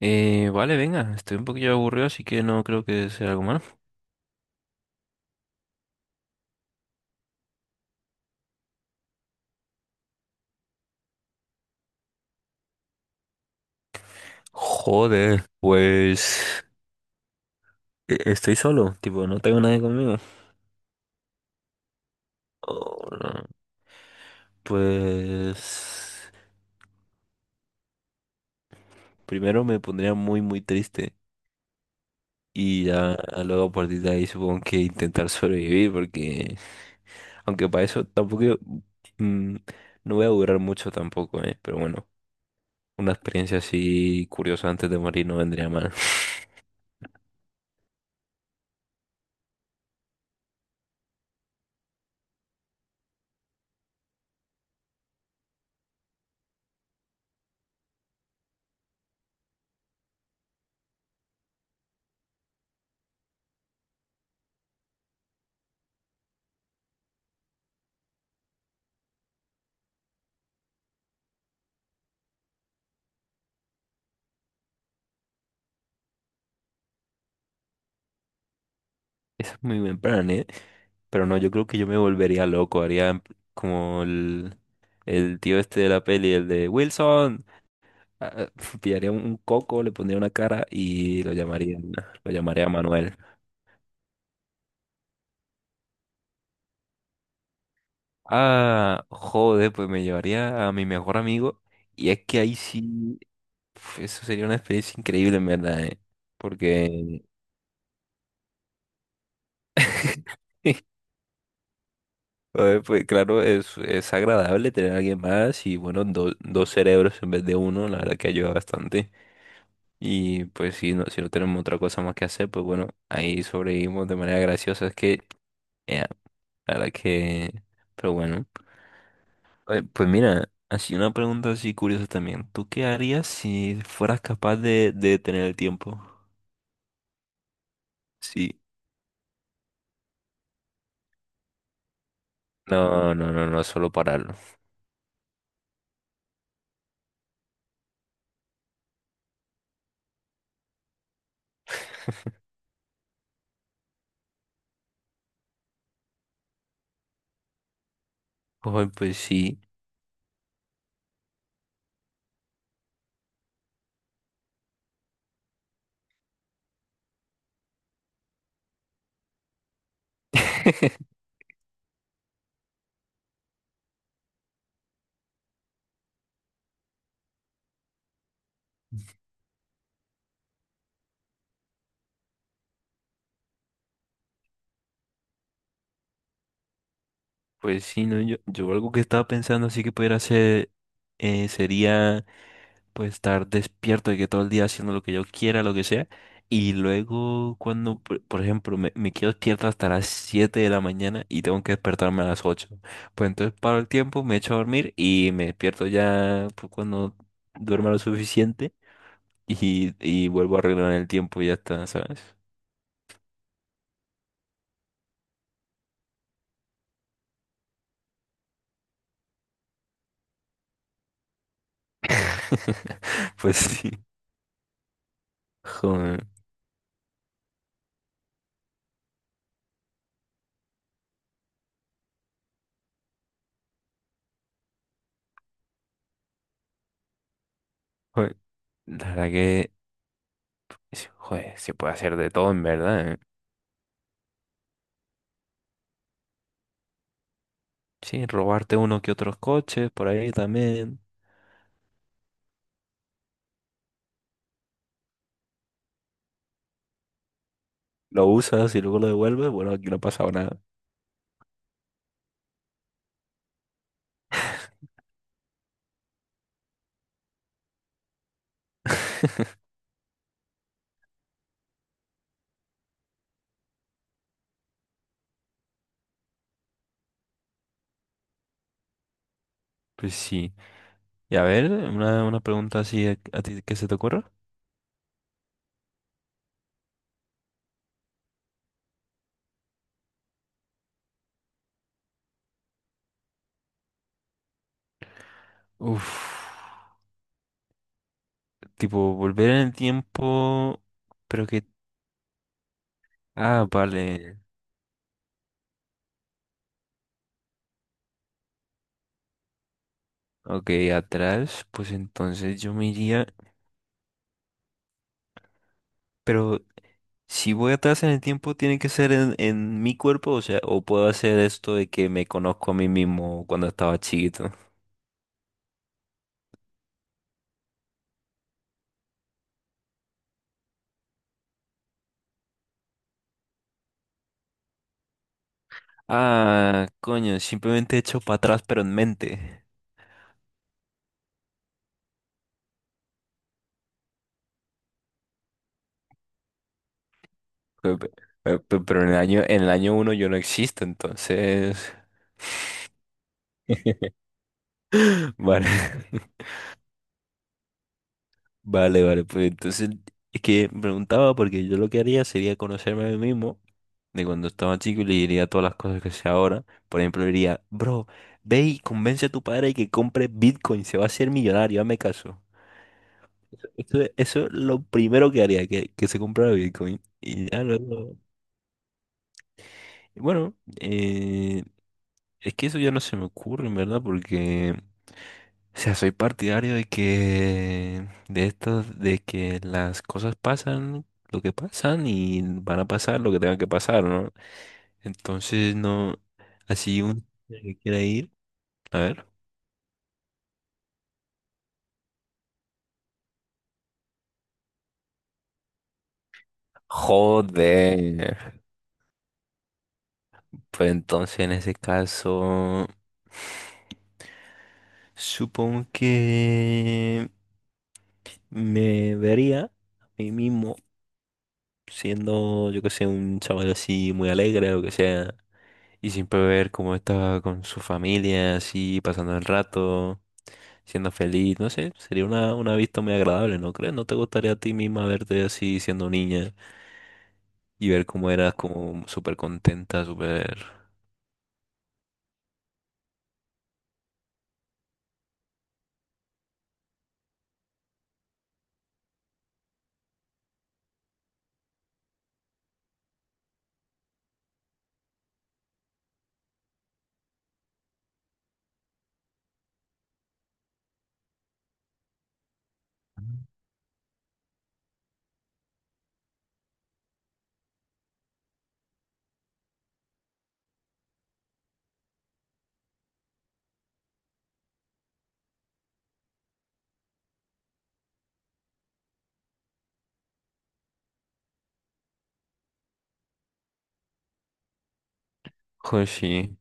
Vale, venga, estoy un poquillo aburrido, así que no creo que sea algo malo. Joder, pues estoy solo, tipo, no tengo nadie conmigo. Oh, no. Pues primero me pondría muy, muy triste y ya luego a partir de ahí supongo que intentar sobrevivir, porque aunque para eso tampoco yo- mm, no voy a durar mucho tampoco, pero bueno, una experiencia así curiosa antes de morir no vendría mal. Eso es muy buen plan, ¿eh? Pero no, yo creo que yo me volvería loco, como el tío este de la peli, el de Wilson. Ah, Pillaría un coco, le pondría una cara y lo llamaría Manuel. Ah, joder, pues me llevaría a mi mejor amigo. Y es que ahí sí, uf, eso sería una experiencia increíble, en verdad, ¿eh? Porque joder, pues claro, es agradable tener a alguien más y bueno, dos cerebros en vez de uno, la verdad que ayuda bastante. Y pues si no, si no tenemos otra cosa más que hacer, pues bueno, ahí sobrevivimos de manera graciosa. Es que, eh, la verdad que, pero bueno. Pues mira, así una pregunta así curiosa también. ¿Tú qué harías si fueras capaz de detener el tiempo? Sí. No, no, solo pararlo. Ay, pues sí. Pues sí, no, yo algo que estaba pensando así que pudiera hacer sería puede estar despierto de que todo el día haciendo lo que yo quiera, lo que sea. Y luego cuando, por ejemplo, me quedo despierto hasta las 7 de la mañana y tengo que despertarme a las 8. Pues entonces paro el tiempo, me echo a dormir y me despierto ya pues, cuando duerma lo suficiente y vuelvo a arreglar el tiempo y ya está, ¿sabes? Pues sí. Joder, joder. La verdad que, sí, joder, se puede hacer de todo en verdad, ¿eh? Sí, robarte uno que otros coches por ahí también. Lo usas y luego lo devuelves, bueno, aquí no ha pasado nada. Pues sí. Y a ver, una pregunta así a ti que se te ocurra. Uf, tipo, volver en el tiempo, pero que... Ah, vale. Ok, atrás, pues entonces yo me iría... Pero si voy atrás en el tiempo, ¿tiene que ser en mi cuerpo? O sea, ¿o puedo hacer esto de que me conozco a mí mismo cuando estaba chiquito? Ah, coño, simplemente he hecho para atrás, pero en mente. Pe- pe- Pero en el año uno yo no existo, entonces. Vale, vale, vale. Pues entonces es que me preguntaba porque yo lo que haría sería conocerme a mí mismo de cuando estaba chico y le diría todas las cosas que sé ahora. Por ejemplo, le diría, bro, ve y convence a tu padre que compre Bitcoin, se va a hacer millonario, hazme caso. Eso es lo primero que haría, que se comprara Bitcoin. Y ya luego. Bueno, eh, es que eso ya no se me ocurre, en verdad, porque. O sea, soy partidario de que de esto, de que las cosas pasan lo que pasan y van a pasar lo que tengan que pasar, ¿no? Entonces no, así un que quiera ir, a ver. Joder. Pues entonces en ese caso, supongo que me vería a mí mismo siendo, yo que sé, un chaval así muy alegre o que sea. Y siempre ver cómo estaba con su familia, así, pasando el rato, siendo feliz, no sé, sería una vista muy agradable, ¿no crees? ¿No te gustaría a ti misma verte así siendo niña y ver cómo eras como súper contenta, súper... Joder, sí,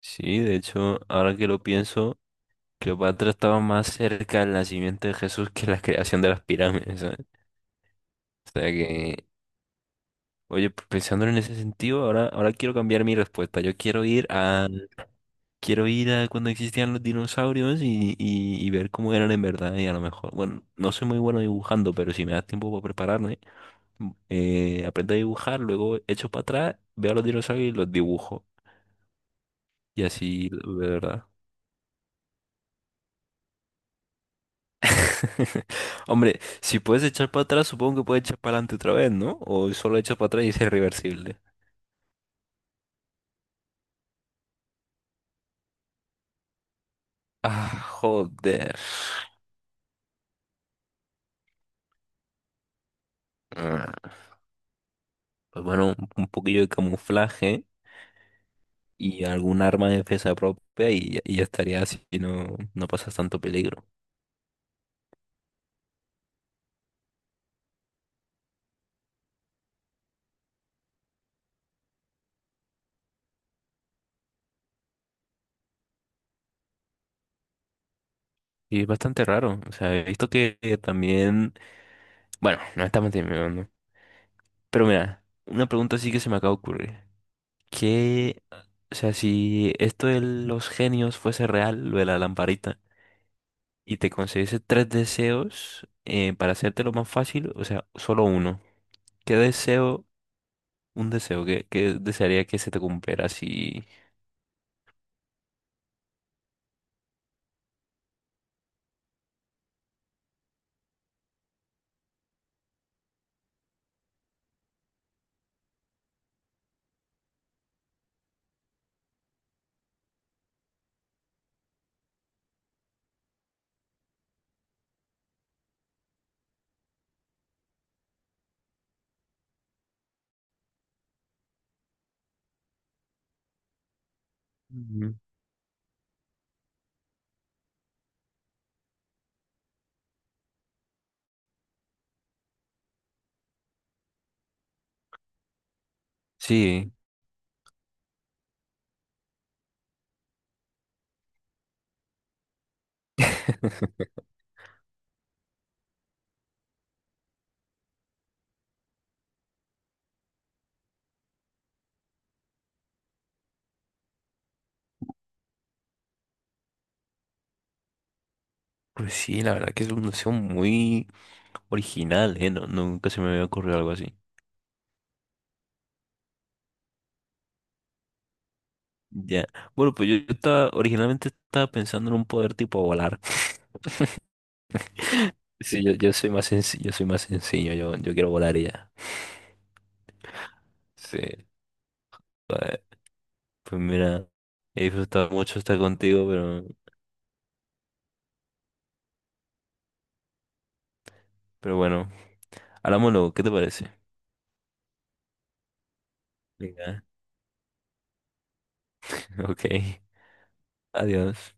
sí, de hecho, ahora que lo pienso, Cleopatra estaba más cerca del nacimiento de Jesús que la creación de las pirámides, ¿sabes? O sea que, oye, pues, pensándolo en ese sentido, ahora quiero cambiar mi respuesta. Yo quiero ir a quiero ir a cuando existían los dinosaurios y ver cómo eran en verdad. Y a lo mejor, bueno, no soy muy bueno dibujando, pero si me das tiempo para prepararme, aprendo a dibujar, luego echo para atrás, veo a los dinosaurios y los dibujo. Y así, de verdad. Hombre, si puedes echar para atrás, supongo que puedes echar para adelante otra vez, ¿no? O solo echas para atrás y es irreversible. Ah, joder. Ah, pues bueno, un poquillo de camuflaje y algún arma de defensa propia y ya estaría así y no, no pasas tanto peligro. Y es bastante raro. O sea, he visto que también. Bueno, no estamos terminando. Pero mira, una pregunta sí que se me acaba de ocurrir. ¿Qué? O sea, si esto de los genios fuese real, lo de la lamparita, y te concediese tres deseos para hacértelo más fácil, o sea, solo uno. ¿Qué deseo, un deseo, qué desearía que se te cumpliera si. Ujú. Sí. Pues sí, la verdad que es un museo muy original, ¿eh? No, nunca se me había ocurrido algo así. Ya. Bueno, pues yo estaba, originalmente estaba pensando en un poder tipo volar. Sí, yo soy más sencillo, yo quiero volar y ya. Sí. Pues, pues mira, he disfrutado mucho estar contigo, pero bueno, hablamos luego, ¿qué te parece? Venga. Ok, adiós.